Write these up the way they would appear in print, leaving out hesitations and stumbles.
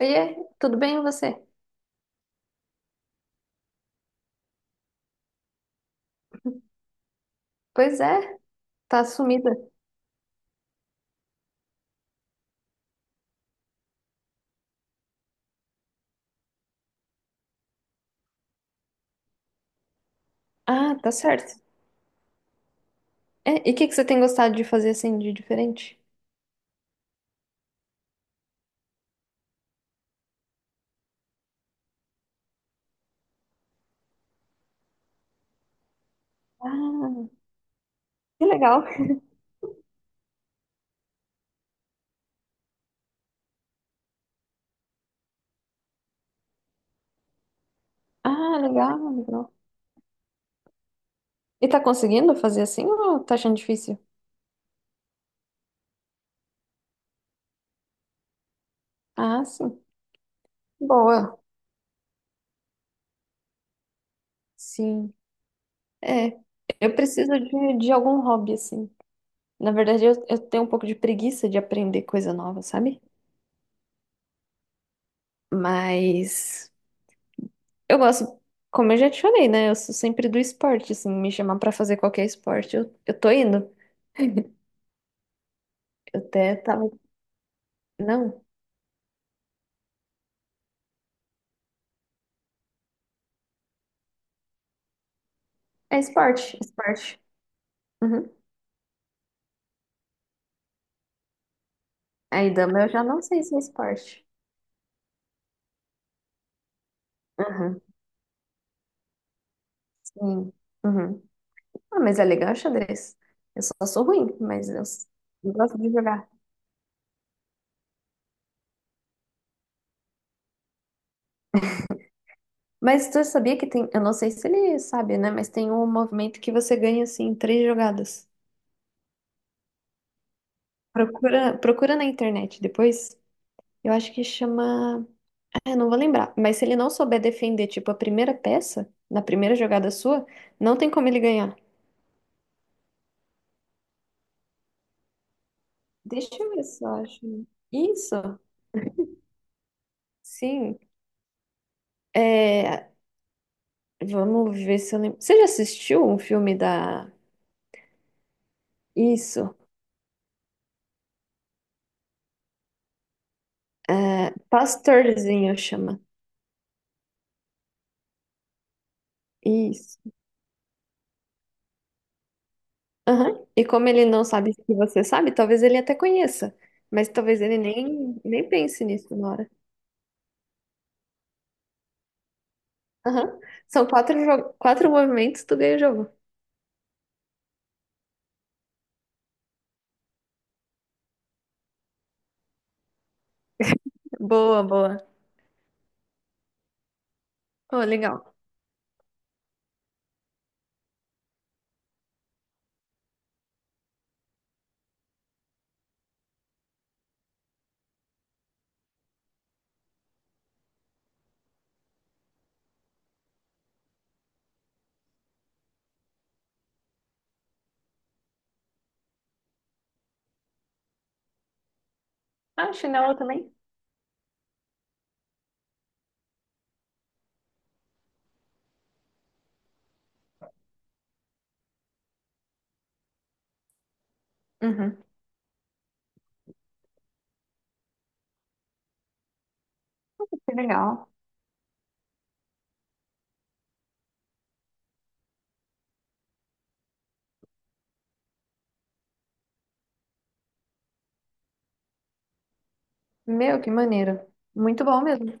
Oiê, tudo bem e você? Pois é, tá sumida. Ah, tá certo. É, e o que que você tem gostado de fazer assim de diferente? Ah, que legal. Ah, legal, legal. E tá conseguindo fazer assim ou tá achando difícil? Ah, sim. Boa. Sim. É, eu preciso de algum hobby assim. Na verdade, eu tenho um pouco de preguiça de aprender coisa nova, sabe? Mas eu gosto, como eu já te falei, né? Eu sou sempre do esporte, assim, me chamar pra fazer qualquer esporte, eu tô indo. Eu até tava. Não, é esporte, esporte. Uhum. Aí, dama, eu já não sei se é esporte. Uhum, sim. Uhum. Ah, mas é legal xadrez. Eu só sou ruim, mas eu gosto de jogar. Mas tu sabia que tem. Eu não sei se ele sabe, né? Mas tem um movimento que você ganha, assim, em três jogadas. Procura, procura na internet depois. Eu acho que chama. Eu não vou lembrar. Mas se ele não souber defender, tipo, a primeira peça, na primeira jogada sua, não tem como ele ganhar. Deixa eu ver se eu acho. Isso, sim. É, vamos ver se eu lembro. Você já assistiu um filme da. Isso. É, Pastorzinho chama. Isso. Aham. E como ele não sabe que você sabe, talvez ele até conheça. Mas talvez ele nem pense nisso na hora. Aham. São quatro movimentos, tu ganha o jogo. Boa, boa. Oh, legal. Ah, chinelo também? Uhum, que legal. Meu, que maneiro. Muito bom mesmo.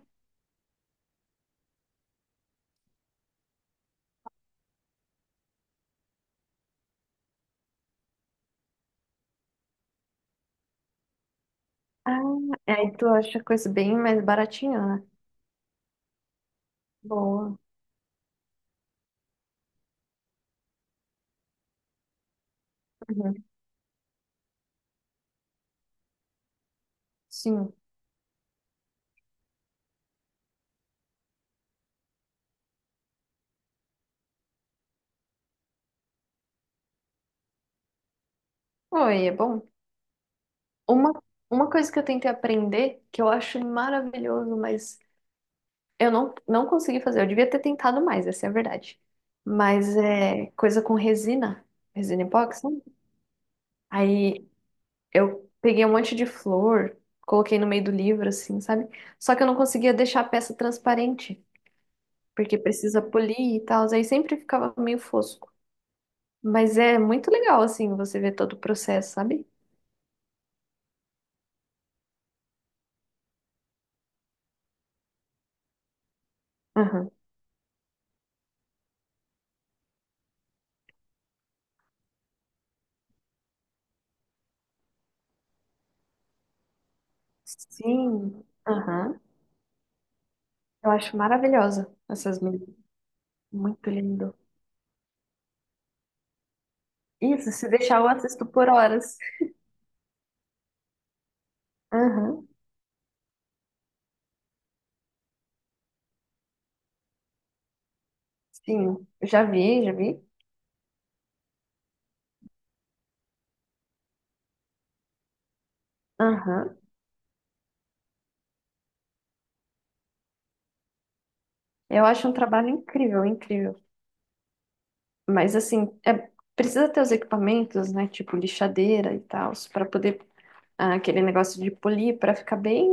Ah, aí tu acha coisa bem mais baratinha, né? Boa. Uhum. Sim. Oi, é bom. Uma, uma coisa que eu tentei aprender, que eu acho maravilhoso, mas eu não consegui fazer. Eu devia ter tentado mais, essa é a verdade. Mas é coisa com resina, resina epóxi, sabe? Aí eu peguei um monte de flor, coloquei no meio do livro, assim, sabe? Só que eu não conseguia deixar a peça transparente. Porque precisa polir e tal, aí sempre ficava meio fosco. Mas é muito legal, assim, você ver todo o processo, sabe? Aham. Sim, aham. Eu acho maravilhosa essas meninas. Muito lindo. Isso, se deixar eu assisto por horas. Aham. Sim, já vi, já vi. Aham. Eu acho um trabalho incrível, incrível. Mas assim, é, precisa ter os equipamentos, né? Tipo lixadeira e tal, para poder aquele negócio de polir para ficar bem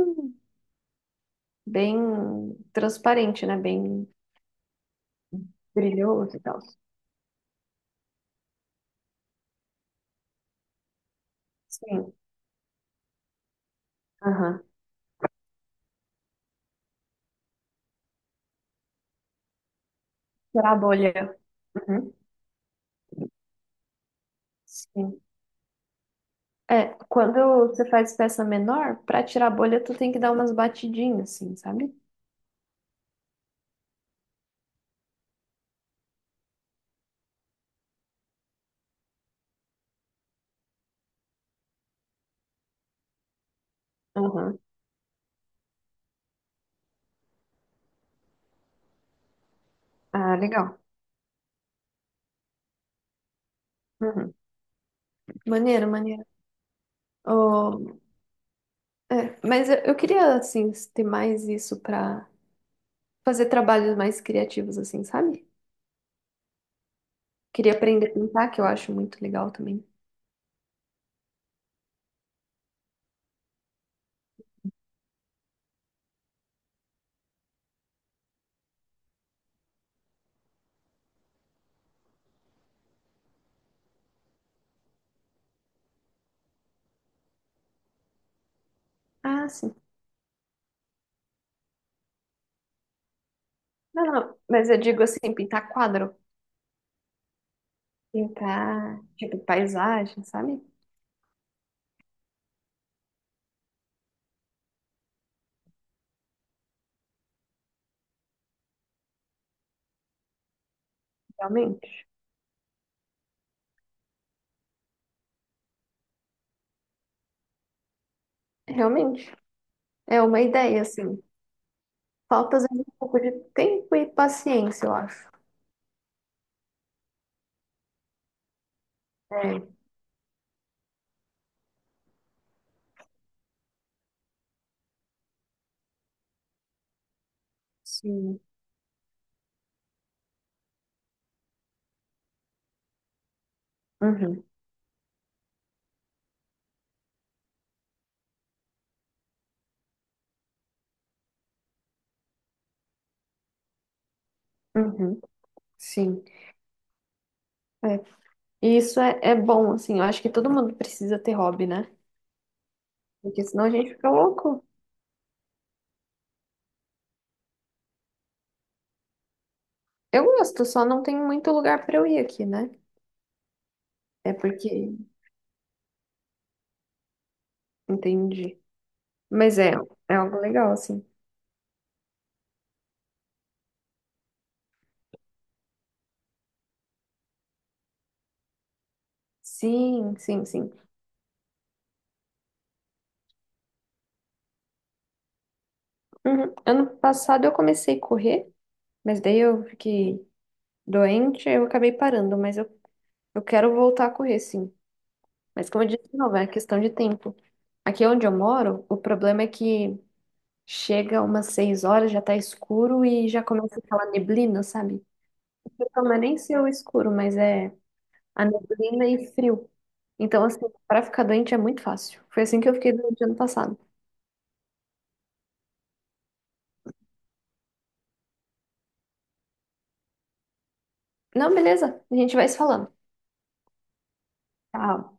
bem transparente, né? Bem brilhoso e tal. Sim, aham. Pra bolha. Uhum. Sim. É, quando você faz peça menor, pra tirar a bolha, tu tem que dar umas batidinhas, assim, sabe? Aham. Ah, legal. Uhum. Maneiro, maneiro. Oh, é, mas eu queria, assim, ter mais isso pra fazer trabalhos mais criativos, assim, sabe? Queria aprender a pintar, que eu acho muito legal também. Ah, sim. Não, não, mas eu digo assim, pintar quadro. Pintar, tipo, paisagem, sabe? Realmente. Realmente. É uma ideia, assim. Falta, às vezes, um pouco de tempo e paciência, eu acho. É, sim. Uhum, uhum, sim. É. E isso é bom, assim. Eu acho que todo mundo precisa ter hobby, né? Porque senão a gente fica louco. Eu gosto, só não tem muito lugar pra eu ir aqui, né? É porque. Entendi. Mas é algo legal, assim. Sim, sim, sim. Uhum. Ano passado eu comecei a correr. Mas daí eu fiquei doente, eu acabei parando, mas eu quero voltar a correr, sim. Mas como eu disse, de novo, é questão de tempo. Aqui onde eu moro, o problema é que chega umas 6 horas, já tá escuro e já começa aquela neblina, sabe? Então, não é nem ser o escuro, mas é a neblina e frio. Então, assim, para ficar doente é muito fácil. Foi assim que eu fiquei doente ano passado. Não, beleza, a gente vai se falando. Tchau.